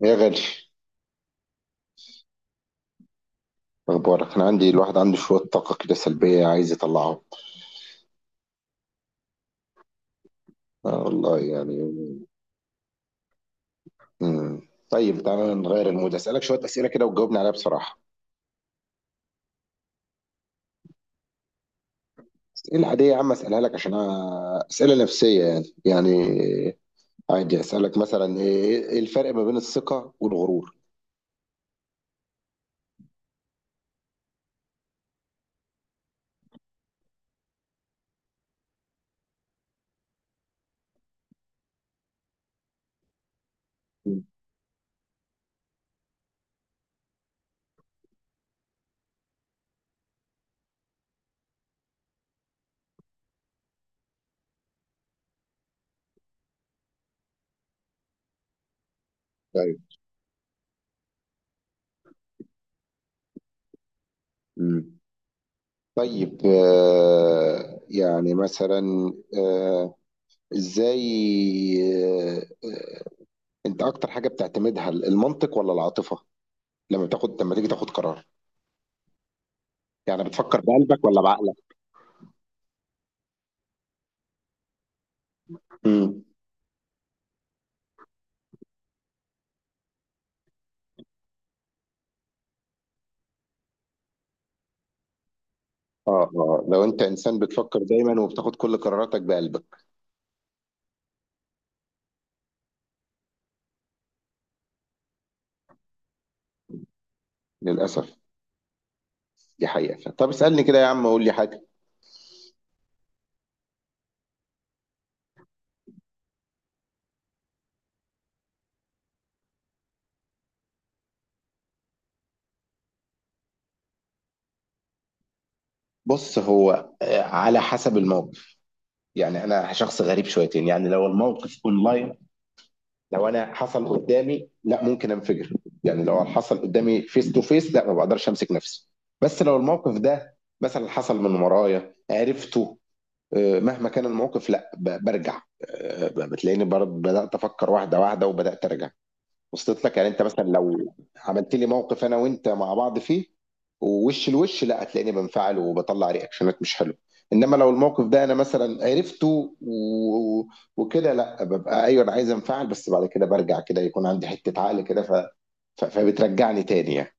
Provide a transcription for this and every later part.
يا غالي، إيه اخبارك؟ انا عندي، الواحد عنده شويه طاقه كده سلبيه عايز يطلعها. آه والله يعني. مم. طيب، تعالى نغير المود، اسالك شويه اسئله كده وتجاوبني عليها بصراحه. اسئله عاديه يا عم، اسالها لك عشان اسئله نفسيه، يعني عادي. اسالك مثلا، إيه الفرق ما بين الثقه والغرور؟ طيب. مم. طيب، يعني مثلا، آه ازاي؟ آه آه، انت اكتر حاجه بتعتمدها المنطق ولا العاطفه؟ لما تيجي تاخد قرار، يعني بتفكر بقلبك ولا بعقلك؟ امم. اه، اه، لو انت انسان بتفكر دايما وبتاخد كل قراراتك بقلبك للاسف، دي حقيقة. طب اسألني كده يا عم، قول لي حاجة. بص، هو على حسب الموقف. يعني انا شخص غريب شويتين، يعني لو الموقف اونلاين، لو انا حصل قدامي، لا، ممكن انفجر. يعني لو حصل قدامي فيس تو فيس، لا، ما بقدرش امسك نفسي. بس لو الموقف ده مثلا حصل من ورايا عرفته، مهما كان الموقف، لا برجع، بتلاقيني بدأت أفكر واحدة واحدة وبدأت أرجع. وصلت لك؟ يعني أنت مثلا لو عملت لي موقف أنا وأنت مع بعض فيه ووش الوش، لا هتلاقيني بنفعل وبطلع رياكشنات مش حلوة. إنما لو الموقف ده أنا مثلا عرفته وكده، لا ببقى أيوه أنا عايز أنفعل، بس بعد كده برجع كده يكون عندي حتة عقل كده، ف... ف... فبترجعني تاني يعني.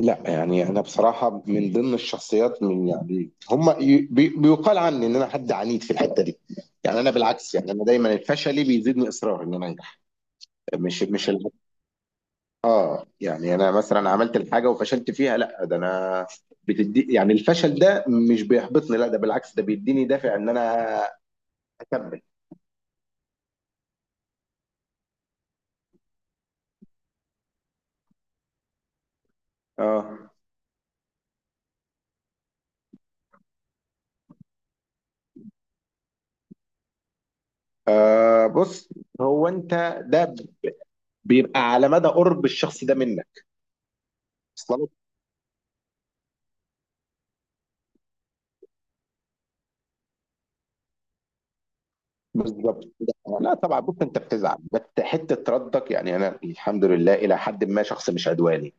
لا يعني انا بصراحه من ضمن الشخصيات، من يعني هم بيقال عني ان انا حد عنيد في الحته دي. يعني انا بالعكس، يعني انا دايما الفشل بيزيدني اصرار ان انا انجح. مش مش ال... اه يعني انا مثلا عملت الحاجه وفشلت فيها، لا ده انا، بتدي، يعني الفشل ده مش بيحبطني، لا ده بالعكس، ده بيديني دافع ان انا اكمل. اه. بص، هو انت ده بيبقى على مدى قرب الشخص ده منك اصلا. بالضبط. لأ طبعًا، بُص أنت بتزعل، بس حتّة ردّك يعني أنا الحمد لله إلى حدٍ ما شخص مش عدواني،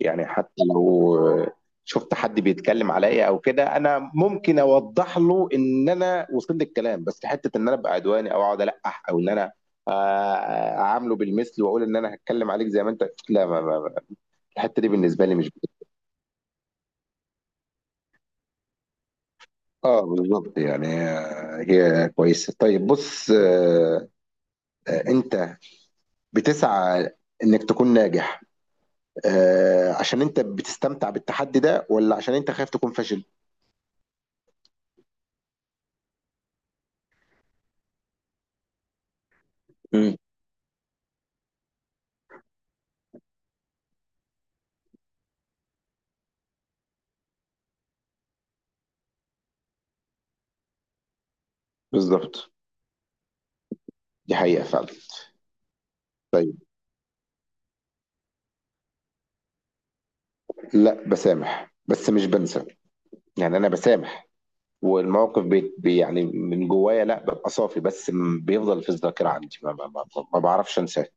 يعني حتّى لو شُفت حد بيتكلّم عليّا أو كده، أنا ممكن أوضّح له إن أنا وصل لي الكلام، بس حتّة إن أنا أبقى عدواني أو أقعد ألقّح أو إن أنا آآ أعامله بالمِثل وأقول إن أنا هاتكلّم عليك زي ما أنت، لا، ما ما ما الحتّة دي بالنسبة لي مش بالضبط، يعني هي كويسة. طيب، بُص، أنت بتسعى إنّك تكون ناجح، عشان انت بتستمتع بالتحدي ده ولا عشان انت خايف تكون فاشل؟ امم. بالظبط، دي حقيقة فعلا. طيب. لا، بسامح بس مش بنسى. يعني انا بسامح، والموقف يعني من جوايا، لا ببقى صافي، بس بيفضل في الذاكرة عندي، ما بعرفش انساه.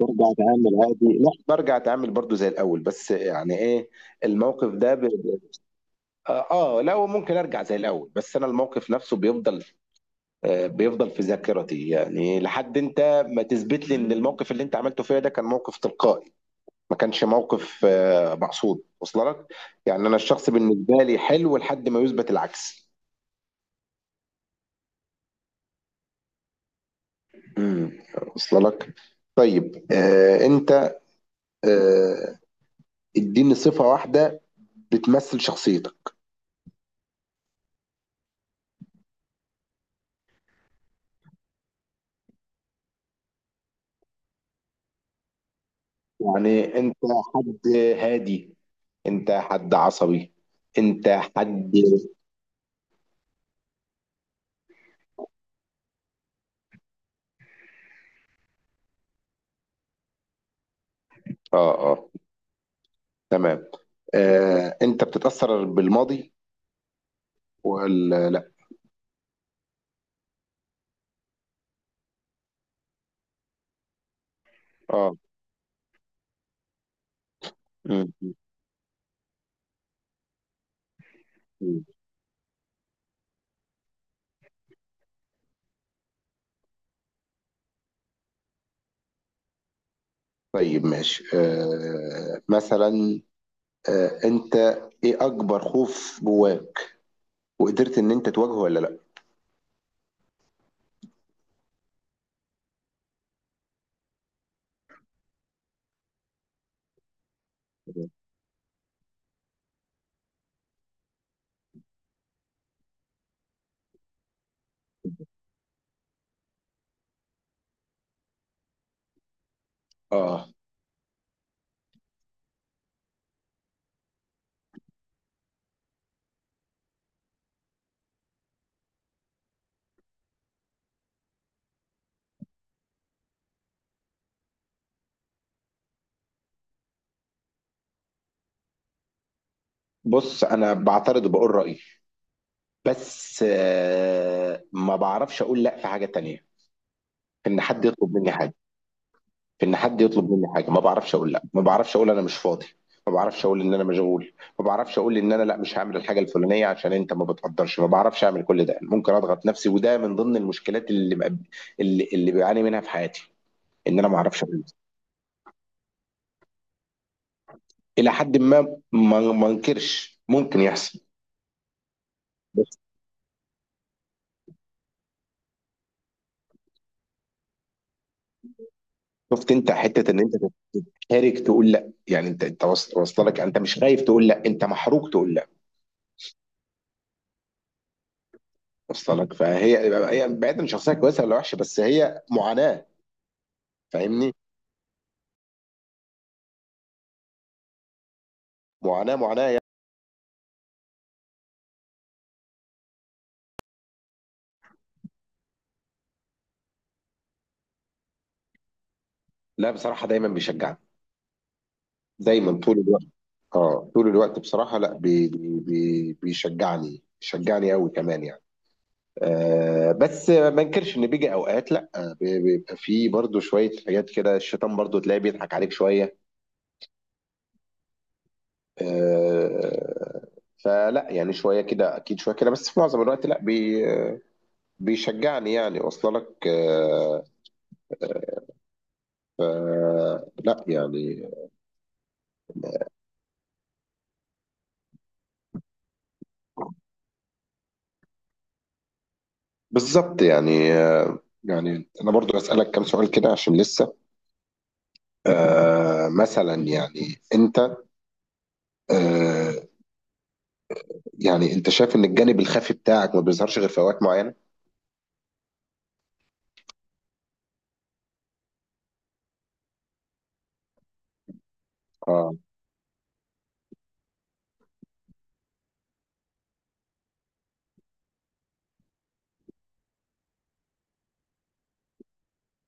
برجع اتعامل عادي؟ لا، برجع اتعامل برضو زي الاول، بس يعني ايه، الموقف ده اه. لا، وممكن ارجع زي الاول، بس انا الموقف نفسه بيفضل، بيفضل في ذاكرتي، يعني لحد انت ما تثبت لي ان الموقف اللي انت عملته فيا ده كان موقف تلقائي، ما كانش موقف مقصود. وصل لك؟ يعني انا الشخص بالنسبه لي حلو لحد ما يثبت العكس. امم. وصل لك؟ طيب، انت، آه اديني صفه واحده بتمثل شخصيتك. يعني انت حد هادي؟ انت حد عصبي؟ انت حد... اه، اه. تمام. انت بتتاثر بالماضي ولا لا؟ اه. مم. مم. طيب، ماشي، مثلا، انت، ايه اكبر خوف جواك وقدرت ان انت تواجهه ولا لا؟ اه. بص، انا بعترض وبقول رايي، بس ما بعرفش اقول لا في حاجه تانية. ان حد يطلب مني حاجه، في ان حد يطلب مني حاجه ما بعرفش اقول لا، ما بعرفش اقول انا مش فاضي، ما بعرفش اقول ان انا مشغول، ما بعرفش اقول ان انا لا مش هعمل الحاجه الفلانيه عشان انت ما بتقدرش، ما بعرفش اعمل كل ده. ممكن اضغط نفسي، وده من ضمن المشكلات اللي اللي بعاني منها في حياتي، ان انا ما اعرفش اقول لا. الى حد ما ما انكرش ممكن يحصل. بس شفت انت حته ان انت تتحرك تقول لا؟ يعني انت واصله لك، انت مش خايف تقول لا، انت محروق تقول لا. واصله لك؟ فهي، هي بعيدا عن شخصيه كويسه ولا وحشه، بس هي معاناه. فاهمني؟ معاناة معاناة يعني. لا بصراحة دايما بيشجعني. دايما طول الوقت. اه طول الوقت بصراحة، لا بي بي بي بيشجعني، بيشجعني قوي كمان يعني. بس ما انكرش ان بيجي اوقات، لا، بيبقى فيه برضو شوية حاجات كده، الشيطان برضو تلاقيه بيضحك عليك شوية. آه فلا يعني شوية كده اكيد، شوية كده، بس في معظم الوقت لا بيشجعني، يعني، واصله لك؟ ف- لا يعني. بالظبط. يعني يعني انا برضو اسالك كام سؤال كده عشان لسه. مثلا يعني انت، آه يعني انت شايف ان الجانب الخفي بتاعك ما بيظهرش غير في اوقات معينه؟ اه،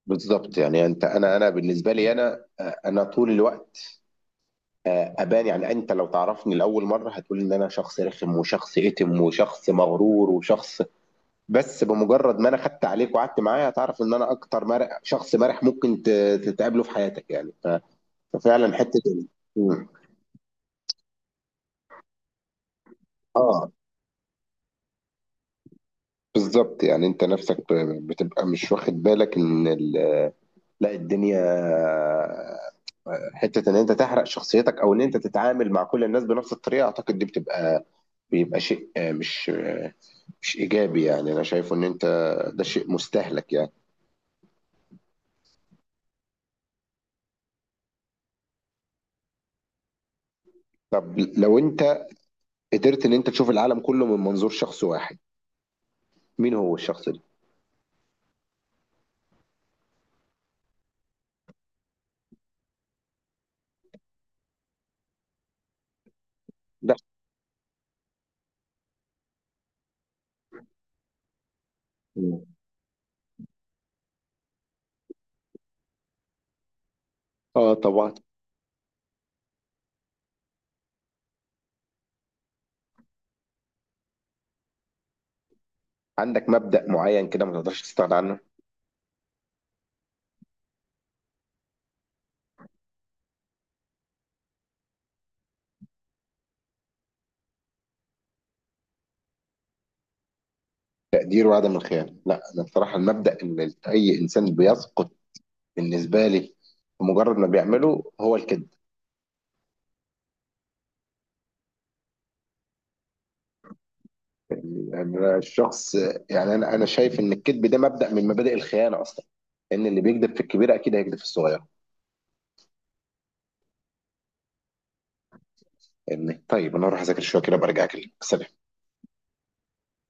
بالظبط. يعني انت، انا بالنسبه لي، انا طول الوقت، ابان. يعني انت لو تعرفني لاول مره هتقول ان انا شخص رخم وشخص اتم وشخص مغرور وشخص، بس بمجرد ما انا خدت عليك وقعدت معايا هتعرف ان انا اكتر مرح، شخص مرح ممكن تتقابله في حياتك يعني. ففعلا حتة إمم. آه، بالضبط، يعني أنت نَفْسك بتبقى مش واخد بالك إن لأ، الدنيا، حتة إن أنت تحرق شخصيتك أو إن أنت تتعامل مع كل الناس بنَفْس الطريقة، أعتقد دي بتبقى، بيبقى شيء مش إيجابي يعني، أنا شايفه إن أنت ده شيء مستهلك يعني. طَب لو أنت قدرت إن أنت تشوف العالم كُلّه من منظور شخص واحد، مين هو الشخص ده؟ ده إمم. طبعًا، عندك مبدأ معيّن كده ما تقدرش تستغنى عنه؟ تقدير وعدم الخيانة، لا أنا بصراحة المبدأ اللي أي إنسان بيسقط بالنسبة لي بمجرد ما بيعمله هو الكذب. يعني أنا الشخص، يعني أنا شايف إن الكذب ده مبدأ من مبادئ الخيانة أصلا، إن اللي بيكذب في الكبيرة أكيد هيكذب في الصغيرة. يعني طيب أنا هروح أذاكر شوية كده، أبقى أرجع أكلمك. سلام.